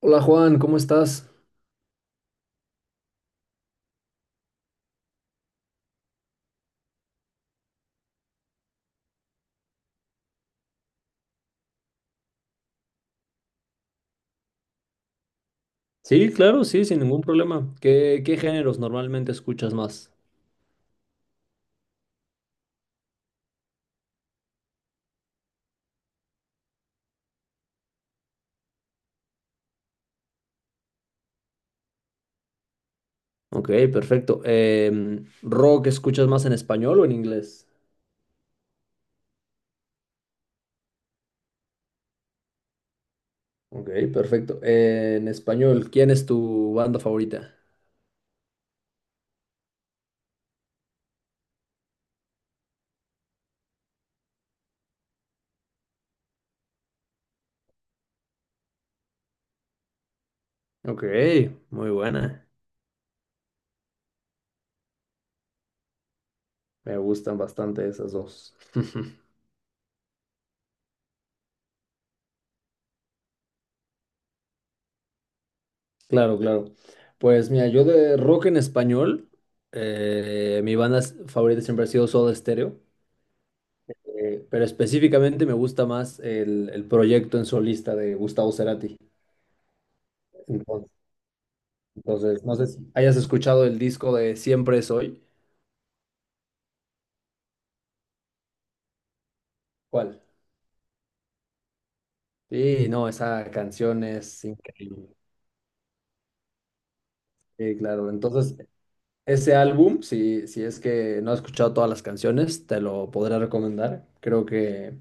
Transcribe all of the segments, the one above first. Hola Juan, ¿cómo estás? Sí, claro, sí, sin ningún problema. ¿Qué géneros normalmente escuchas más? Ok, perfecto. ¿Rock escuchas más en español o en inglés? Ok, perfecto. En español, ¿quién es tu banda favorita? Ok, muy buena. Me gustan bastante esas dos. Claro, claro. Pues mira, yo de rock en español, mi favorita siempre ha sido Soda Stereo. Pero específicamente me gusta más el proyecto en solista de Gustavo Cerati. Entonces, entonces, no sé si hayas escuchado el disco de Siempre Es Hoy. ¿Cuál? Sí, no, esa canción es increíble. Sí, claro. Entonces, ese álbum, si es que no has escuchado todas las canciones, te lo podré recomendar. Creo que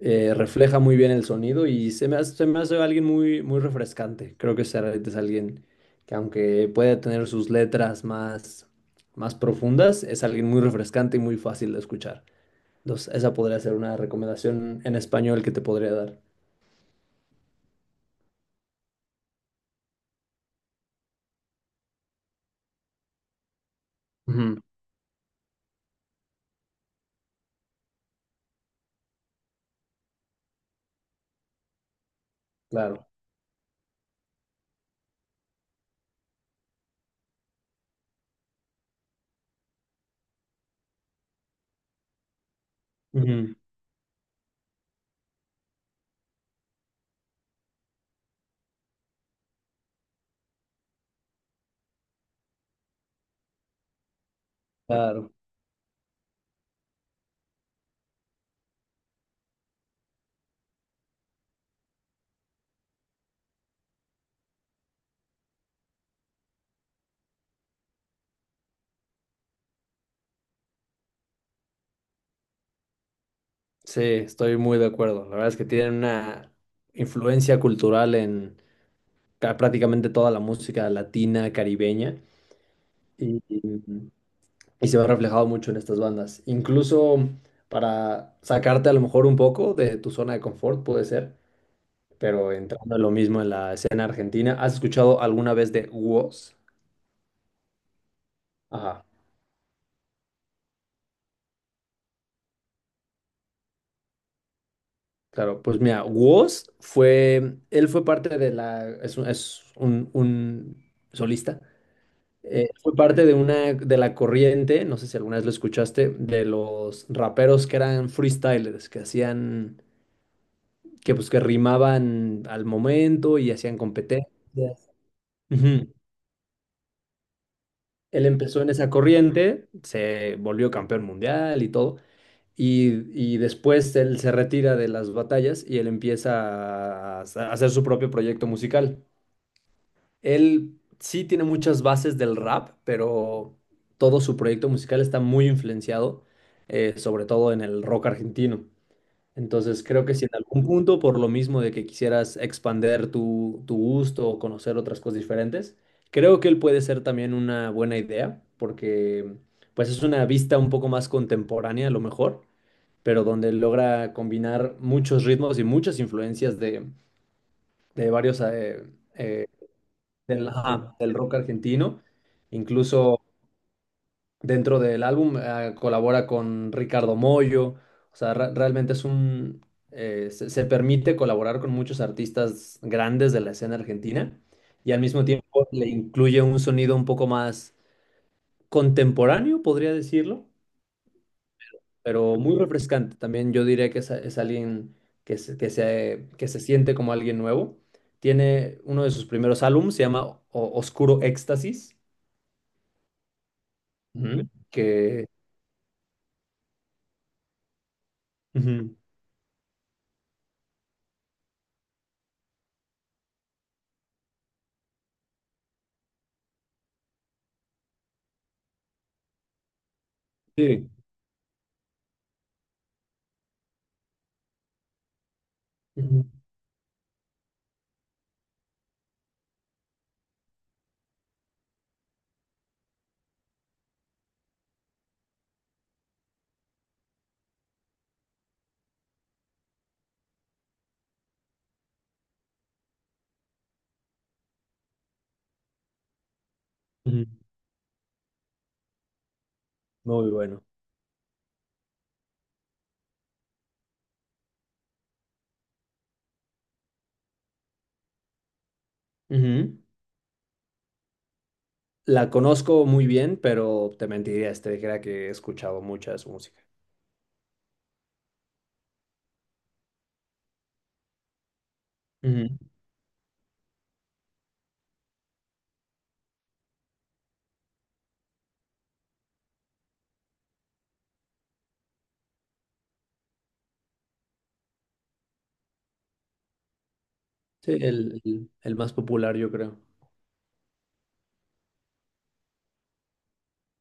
refleja muy bien el sonido y se me hace alguien muy, muy refrescante. Creo que Serrat es alguien que aunque puede tener sus más profundas, es alguien muy refrescante y muy fácil de escuchar. Entonces, esa podría ser una recomendación en español que te podría dar. Ujú. Claro. Ujú. Claro. Sí, estoy muy de acuerdo. La verdad es que tienen una influencia cultural en prácticamente toda la música latina, caribeña. Y, mm, y se ve reflejado mucho en estas bandas. Incluso para sacarte a lo mejor un poco de tu zona de confort, puede ser, pero entrando en lo mismo en la escena argentina, ¿has escuchado alguna vez de Woz? Ajá, claro, pues mira, él fue parte de un solista. Fue parte de una de la corriente, no sé si alguna vez lo escuchaste, de los raperos que eran freestylers, que pues que rimaban al momento y hacían competencias. Ujú. Él empezó en esa corriente, se volvió campeón mundial y todo, y, y después él se retira de las batallas y él empieza a hacer su propio proyecto musical. Él sí tiene muchas bases del rap, pero todo su proyecto musical está muy influenciado, sobre todo en el rock argentino. Entonces, creo que si en algún punto, por lo mismo de que quisieras expander tu gusto o conocer otras cosas diferentes, creo que él puede ser también una buena idea, porque pues es una vista un poco más contemporánea a lo mejor, pero donde logra combinar muchos ritmos y muchas influencias de varios eh, ajá, del rock argentino, incluso dentro del álbum, colabora con Ricardo Mollo, o sea, realmente se permite colaborar con muchos artistas grandes de la escena argentina y al mismo tiempo le incluye un sonido un poco más contemporáneo, podría decirlo, pero muy refrescante. También yo diría que es alguien que se siente como alguien nuevo. Tiene uno de sus primeros álbumes, se llama Oscuro Éxtasis, ujú, que... Ujú. Sí. Ujú, ujú. Muy bueno. Ujú. La conozco muy bien, pero te mentiría si te dijera que he escuchado mucha de su música. Ujú. Sí, el más popular, yo creo.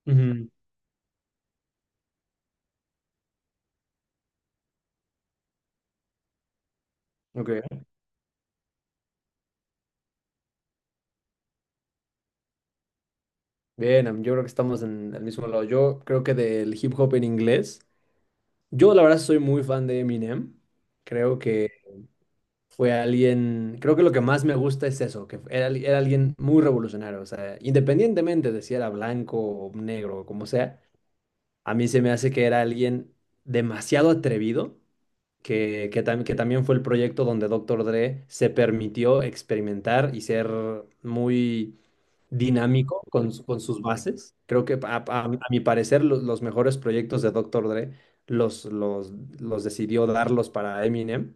Ujú. Ok. Bien, yo creo que estamos en el mismo lado. Yo creo que del hip hop en inglés. Yo, la verdad, soy muy fan de Eminem. Creo que fue alguien. Creo que lo que más me gusta es eso, que era alguien muy revolucionario. O sea, independientemente de si era blanco o negro o como sea. A mí se me hace que era alguien demasiado atrevido, que también fue el proyecto donde Doctor Dre se permitió experimentar y ser muy dinámico con sus bases. Creo que a mi parecer los mejores proyectos de Doctor Dre los, los, los decidió darlos para Eminem.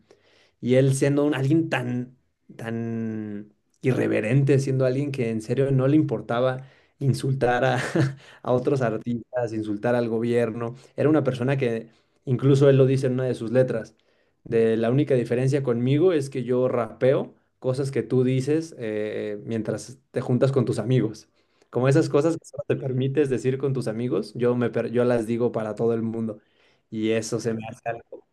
Y él siendo un, alguien tan irreverente, siendo alguien que en serio no le importaba insultar a, a otros artistas, insultar al gobierno. Era una persona que, incluso él lo dice en una de sus letras, de la única diferencia conmigo es que yo rapeo cosas que tú dices mientras te juntas con tus amigos. Como esas cosas que solo te permites decir con tus amigos, yo las digo para todo el mundo. Y eso se me hace algo.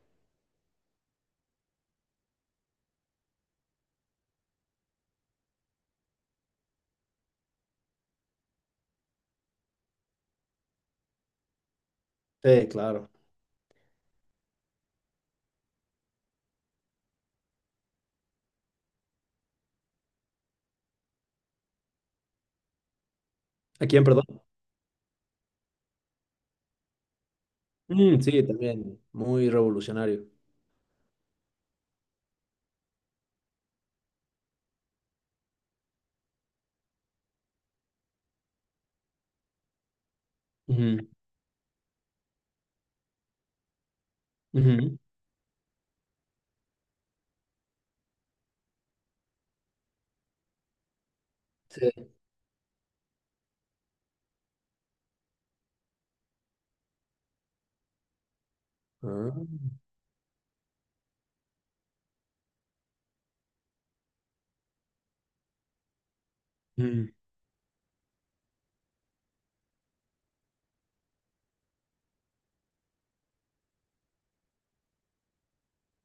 Sí, claro. ¿A quién, perdón? Mm, sí, también, muy revolucionario. Ujú, ujú. Sí. Ah, ujú,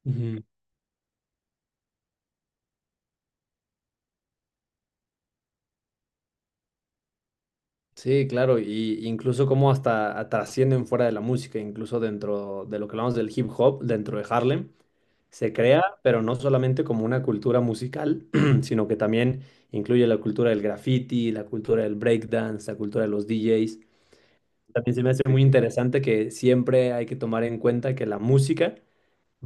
ujú. Sí, claro, y incluso como trascienden fuera de la música, incluso dentro de lo que hablamos del hip hop, dentro de Harlem, se crea, pero no solamente como una cultura musical, sino que también incluye la cultura del graffiti, la cultura del breakdance, la cultura de los DJs. También se me hace muy interesante que siempre hay que tomar en cuenta que la música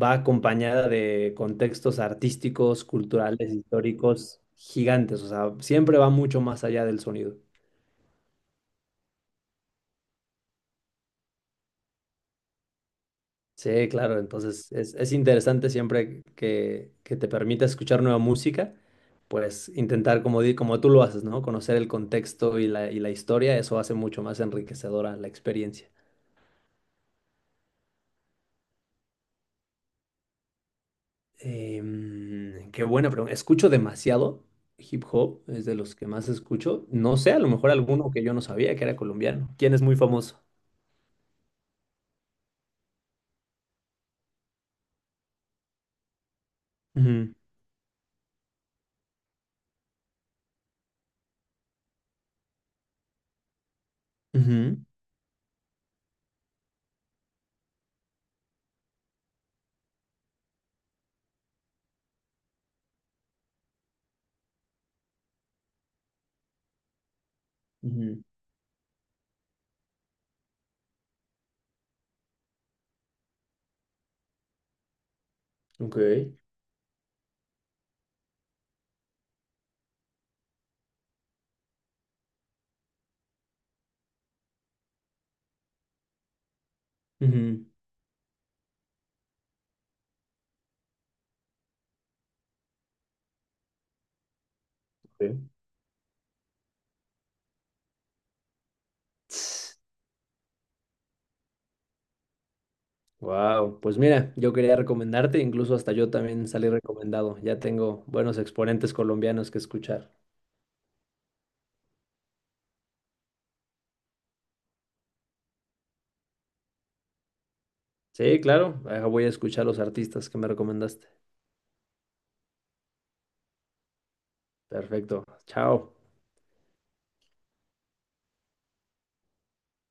va acompañada de contextos artísticos, culturales, históricos gigantes, o sea, siempre va mucho más allá del sonido. Sí, claro, entonces es interesante siempre que te permita escuchar nueva música, pues intentar, como, como tú lo haces, ¿no? Conocer el contexto y y la historia, eso hace mucho más enriquecedora la experiencia. Qué buena pregunta. Escucho demasiado hip hop, es de los que más escucho. No sé, a lo mejor alguno que yo no sabía que era colombiano. ¿Quién es muy famoso? Ujú, ujú, ujú. Ok. Wow, pues mira, yo quería recomendarte, incluso hasta yo también salí recomendado. Ya tengo buenos exponentes colombianos que escuchar. Sí, claro, ahora voy a escuchar los artistas que me recomendaste. Perfecto, chao.